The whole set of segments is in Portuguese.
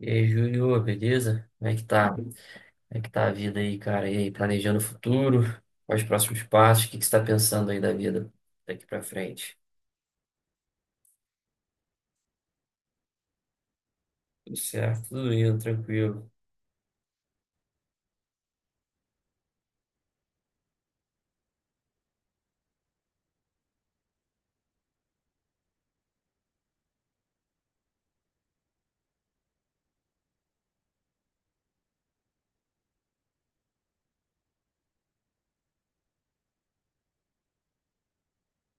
E aí, Júlio, beleza? Como é que tá? Como é que tá a vida aí, cara? E aí, planejando o futuro? Quais os próximos passos? O que que você tá pensando aí da vida daqui pra frente? Tudo certo, tudo indo, tranquilo.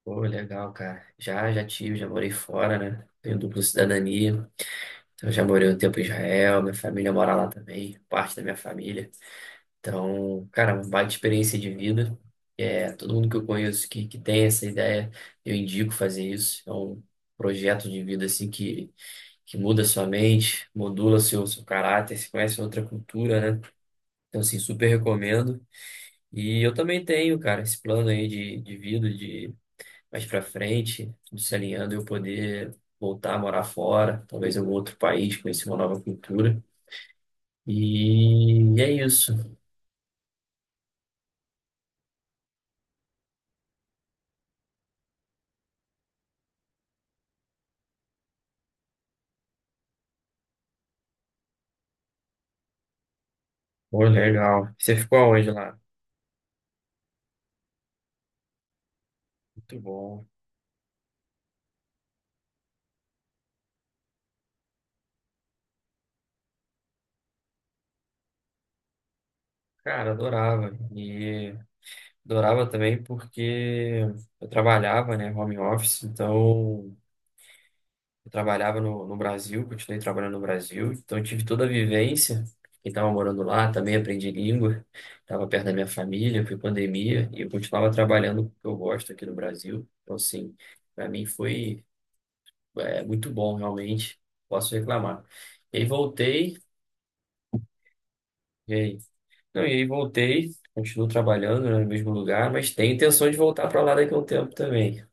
Pô, legal, cara. Já tive, já morei fora, né? Tenho dupla cidadania. Então, já morei um tempo em Israel, minha família mora lá também, parte da minha família. Então, cara, uma baita experiência de vida. É, todo mundo que eu conheço que tem essa ideia, eu indico fazer isso. É um projeto de vida assim que muda sua mente, modula seu caráter, se conhece outra cultura, né? Então, assim, super recomendo. E eu também tenho, cara, esse plano aí de vida, de mais pra frente, tudo se alinhando, eu poder voltar a morar fora, talvez em algum outro país, conhecer uma nova cultura. E é isso. Pô, legal. Você ficou aonde lá? Muito bom. Cara, adorava. E adorava também porque eu trabalhava, né, home office, então eu trabalhava no Brasil, continuei trabalhando no Brasil, então eu tive toda a vivência. Quem estava morando lá também aprendi língua, estava perto da minha família, foi pandemia, e eu continuava trabalhando com o que eu gosto aqui no Brasil. Então, assim, para mim foi muito bom, realmente, posso reclamar. E aí voltei. E aí, Não, e aí voltei, continuo trabalhando, né, no mesmo lugar, mas tenho intenção de voltar para lá daqui a um tempo também.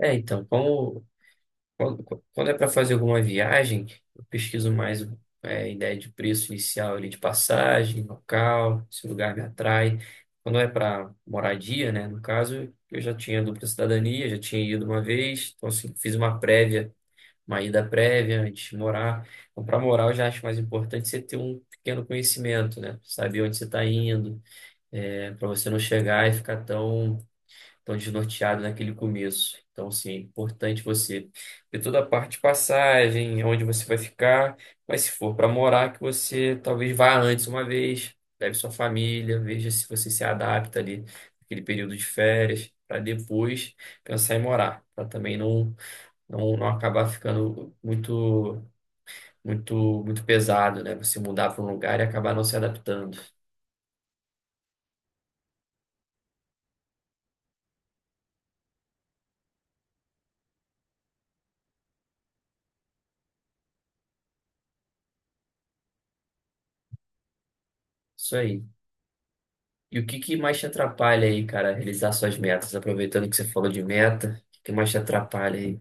É, então, quando, quando é para fazer alguma viagem, eu pesquiso mais ideia de preço inicial ali de passagem, local, se o lugar me atrai. Quando é para moradia, né, no caso, eu já tinha dupla cidadania, já tinha ido uma vez, então assim, fiz uma prévia, uma ida prévia antes de morar. Então, para morar, eu já acho mais importante você ter um pequeno conhecimento, né? Saber onde você está indo para você não chegar e ficar tão desnorteado naquele começo. Então, sim, é importante você ver toda a parte de passagem, onde você vai ficar, mas se for para morar, que você talvez vá antes uma vez, leve sua família, veja se você se adapta ali naquele período de férias, para depois pensar em morar, para também não acabar ficando muito, muito, muito pesado, né? Você mudar para um lugar e acabar não se adaptando. Isso aí. E o que que mais te atrapalha aí, cara, realizar suas metas? Aproveitando que você falou de meta, o que que mais te atrapalha aí?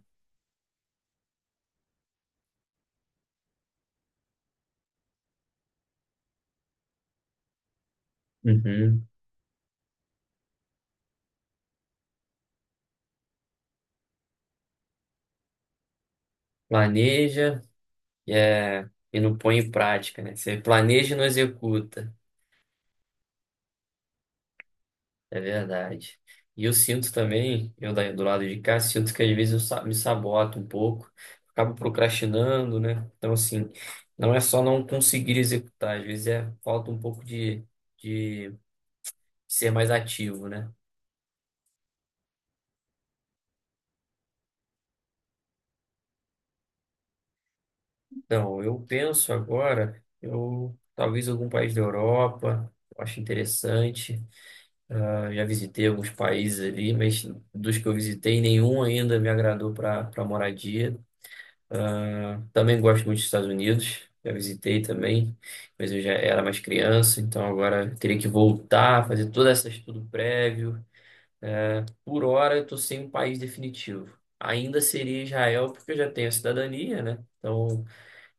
Uhum. Planeja, é, e não põe em prática, né? Você planeja e não executa. É verdade. E eu sinto também, eu do lado de cá, sinto que às vezes eu me saboto um pouco, acabo procrastinando, né? Então, assim, não é só não conseguir executar, às vezes é falta um pouco de, de ser mais ativo, né? Não, eu penso agora, eu talvez algum país da Europa, eu acho interessante. Ah, já visitei alguns países ali, mas dos que eu visitei, nenhum ainda me agradou para moradia. Também gosto muito dos Estados Unidos, já visitei também, mas eu já era mais criança, então agora eu teria que voltar, fazer todo esse estudo prévio. Por hora, eu estou sem um país definitivo. Ainda seria Israel, porque eu já tenho a cidadania, né? Então,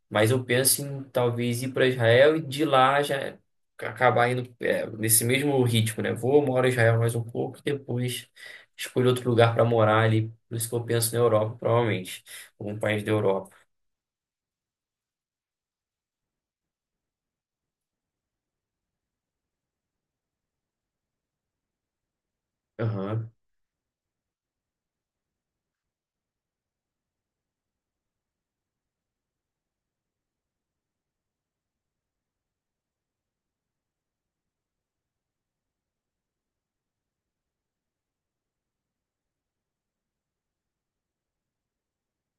mas eu penso em talvez ir para Israel e de lá já acabar indo é, nesse mesmo ritmo, né? Vou, moro em Israel mais um pouco e depois escolho outro lugar para morar ali. Por isso que eu penso na Europa, provavelmente. Algum país da Europa. Aham.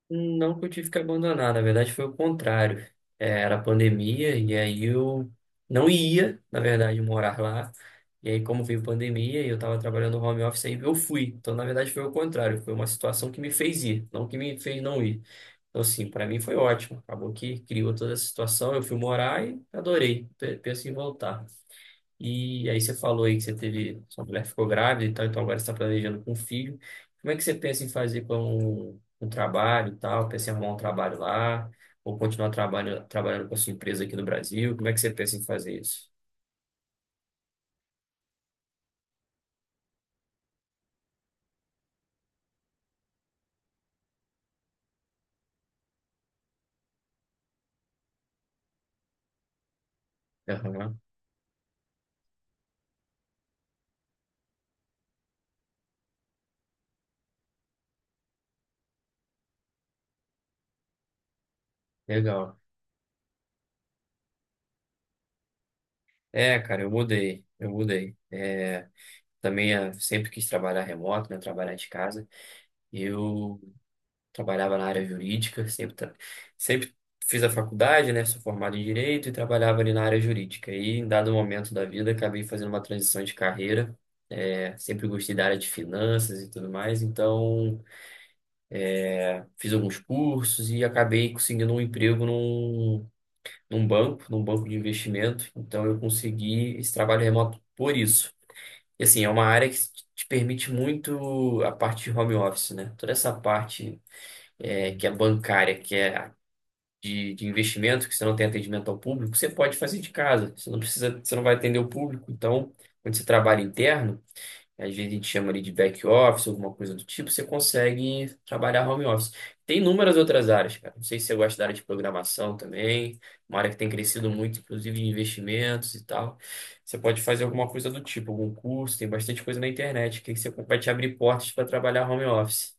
Não que eu tive que abandonar, na verdade foi o contrário. É, era pandemia e aí eu não ia, na verdade, morar lá. E aí, como veio pandemia e eu estava trabalhando no home office, aí eu fui. Então, na verdade, foi o contrário. Foi uma situação que me fez ir, não que me fez não ir. Então, assim, para mim foi ótimo. Acabou que criou toda essa situação. Eu fui morar e adorei. Penso em voltar. E aí você falou aí que você teve, sua mulher ficou grávida e tal, então agora você está planejando com um filho. Como é que você pensa em fazer com um trabalho e tal? Pensa em arrumar um trabalho lá ou continuar trabalhando com a sua empresa aqui no Brasil? Como é que você pensa em fazer isso? Aham, legal. É, cara, eu mudei. Eu mudei. É, também sempre quis trabalhar remoto, né? Trabalhar de casa. Eu trabalhava na área jurídica, sempre, sempre fiz a faculdade, né? Sou formado em direito e trabalhava ali na área jurídica. E em dado momento da vida, acabei fazendo uma transição de carreira. É, sempre gostei da área de finanças e tudo mais, então fiz alguns cursos e acabei conseguindo um emprego num banco de investimento. Então eu consegui esse trabalho remoto por isso. E assim, é uma área que te permite muito a parte de home office, né? Toda essa parte que é bancária, que é de, investimento, que você não tem atendimento ao público, você pode fazer de casa. Você não precisa, você não vai atender o público. Então, quando você trabalha interno, às vezes a gente chama ali de back office, alguma coisa do tipo, você consegue trabalhar home office. Tem inúmeras outras áreas, cara. Não sei se você gosta da área de programação também, uma área que tem crescido muito, inclusive de investimentos e tal. Você pode fazer alguma coisa do tipo, algum curso, tem bastante coisa na internet que você vai te abrir portas para trabalhar home office.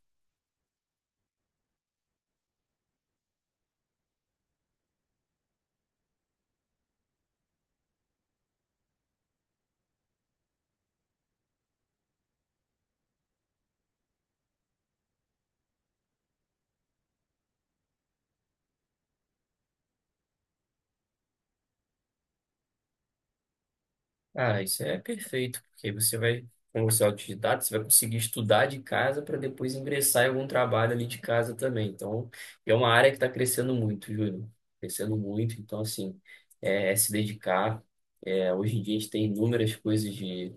Ah, isso é perfeito, porque você vai, como você é autodidata, você vai conseguir estudar de casa para depois ingressar em algum trabalho ali de casa também. Então, é uma área que está crescendo muito, Júlio. Crescendo muito, então, assim, é se dedicar. É, hoje em dia a gente tem inúmeras coisas de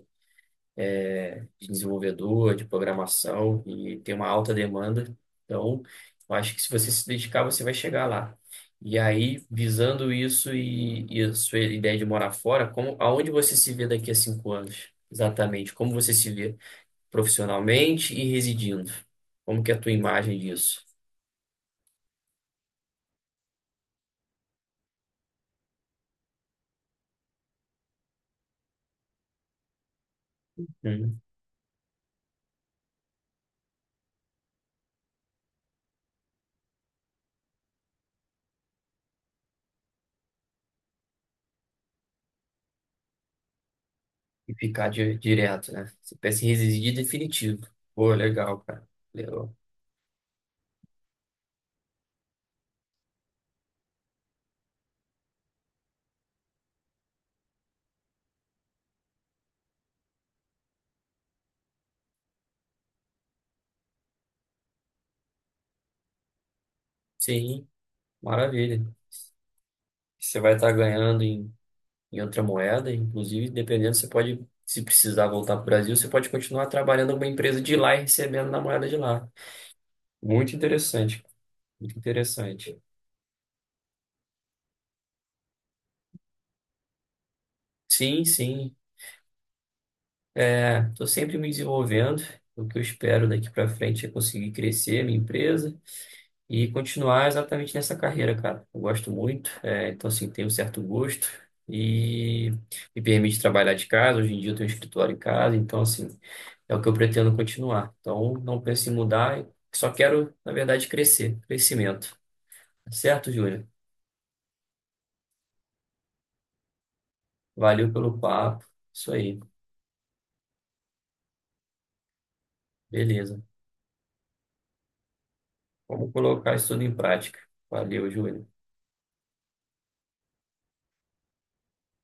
desenvolvedor, de programação e tem uma alta demanda. Então, eu acho que se você se dedicar, você vai chegar lá. E aí, visando isso e, a sua ideia de morar fora, como, aonde você se vê daqui a 5 anos? Exatamente, como você se vê profissionalmente e residindo? Como que é a tua imagem disso? Hum. E ficar direto, né? Você pensa em residir definitivo. Pô, legal, cara. Legal. Sim, maravilha. Você vai estar ganhando em outra moeda. Inclusive, dependendo, você pode, se precisar voltar para o Brasil, você pode continuar trabalhando em uma empresa de lá e recebendo na moeda de lá. Muito interessante, muito interessante. Sim, sim. É, estou sempre me desenvolvendo. O que eu espero daqui para frente é conseguir crescer minha empresa e continuar exatamente nessa carreira, cara. Eu gosto muito, então assim, tenho um certo gosto e me permite trabalhar de casa. Hoje em dia eu tenho um escritório em casa, então assim, é o que eu pretendo continuar. Então, não penso em mudar, só quero, na verdade, crescer, crescimento. Tá certo, Júlia? Valeu pelo papo. Isso aí, beleza. Vamos colocar isso tudo em prática. Valeu, Júlia.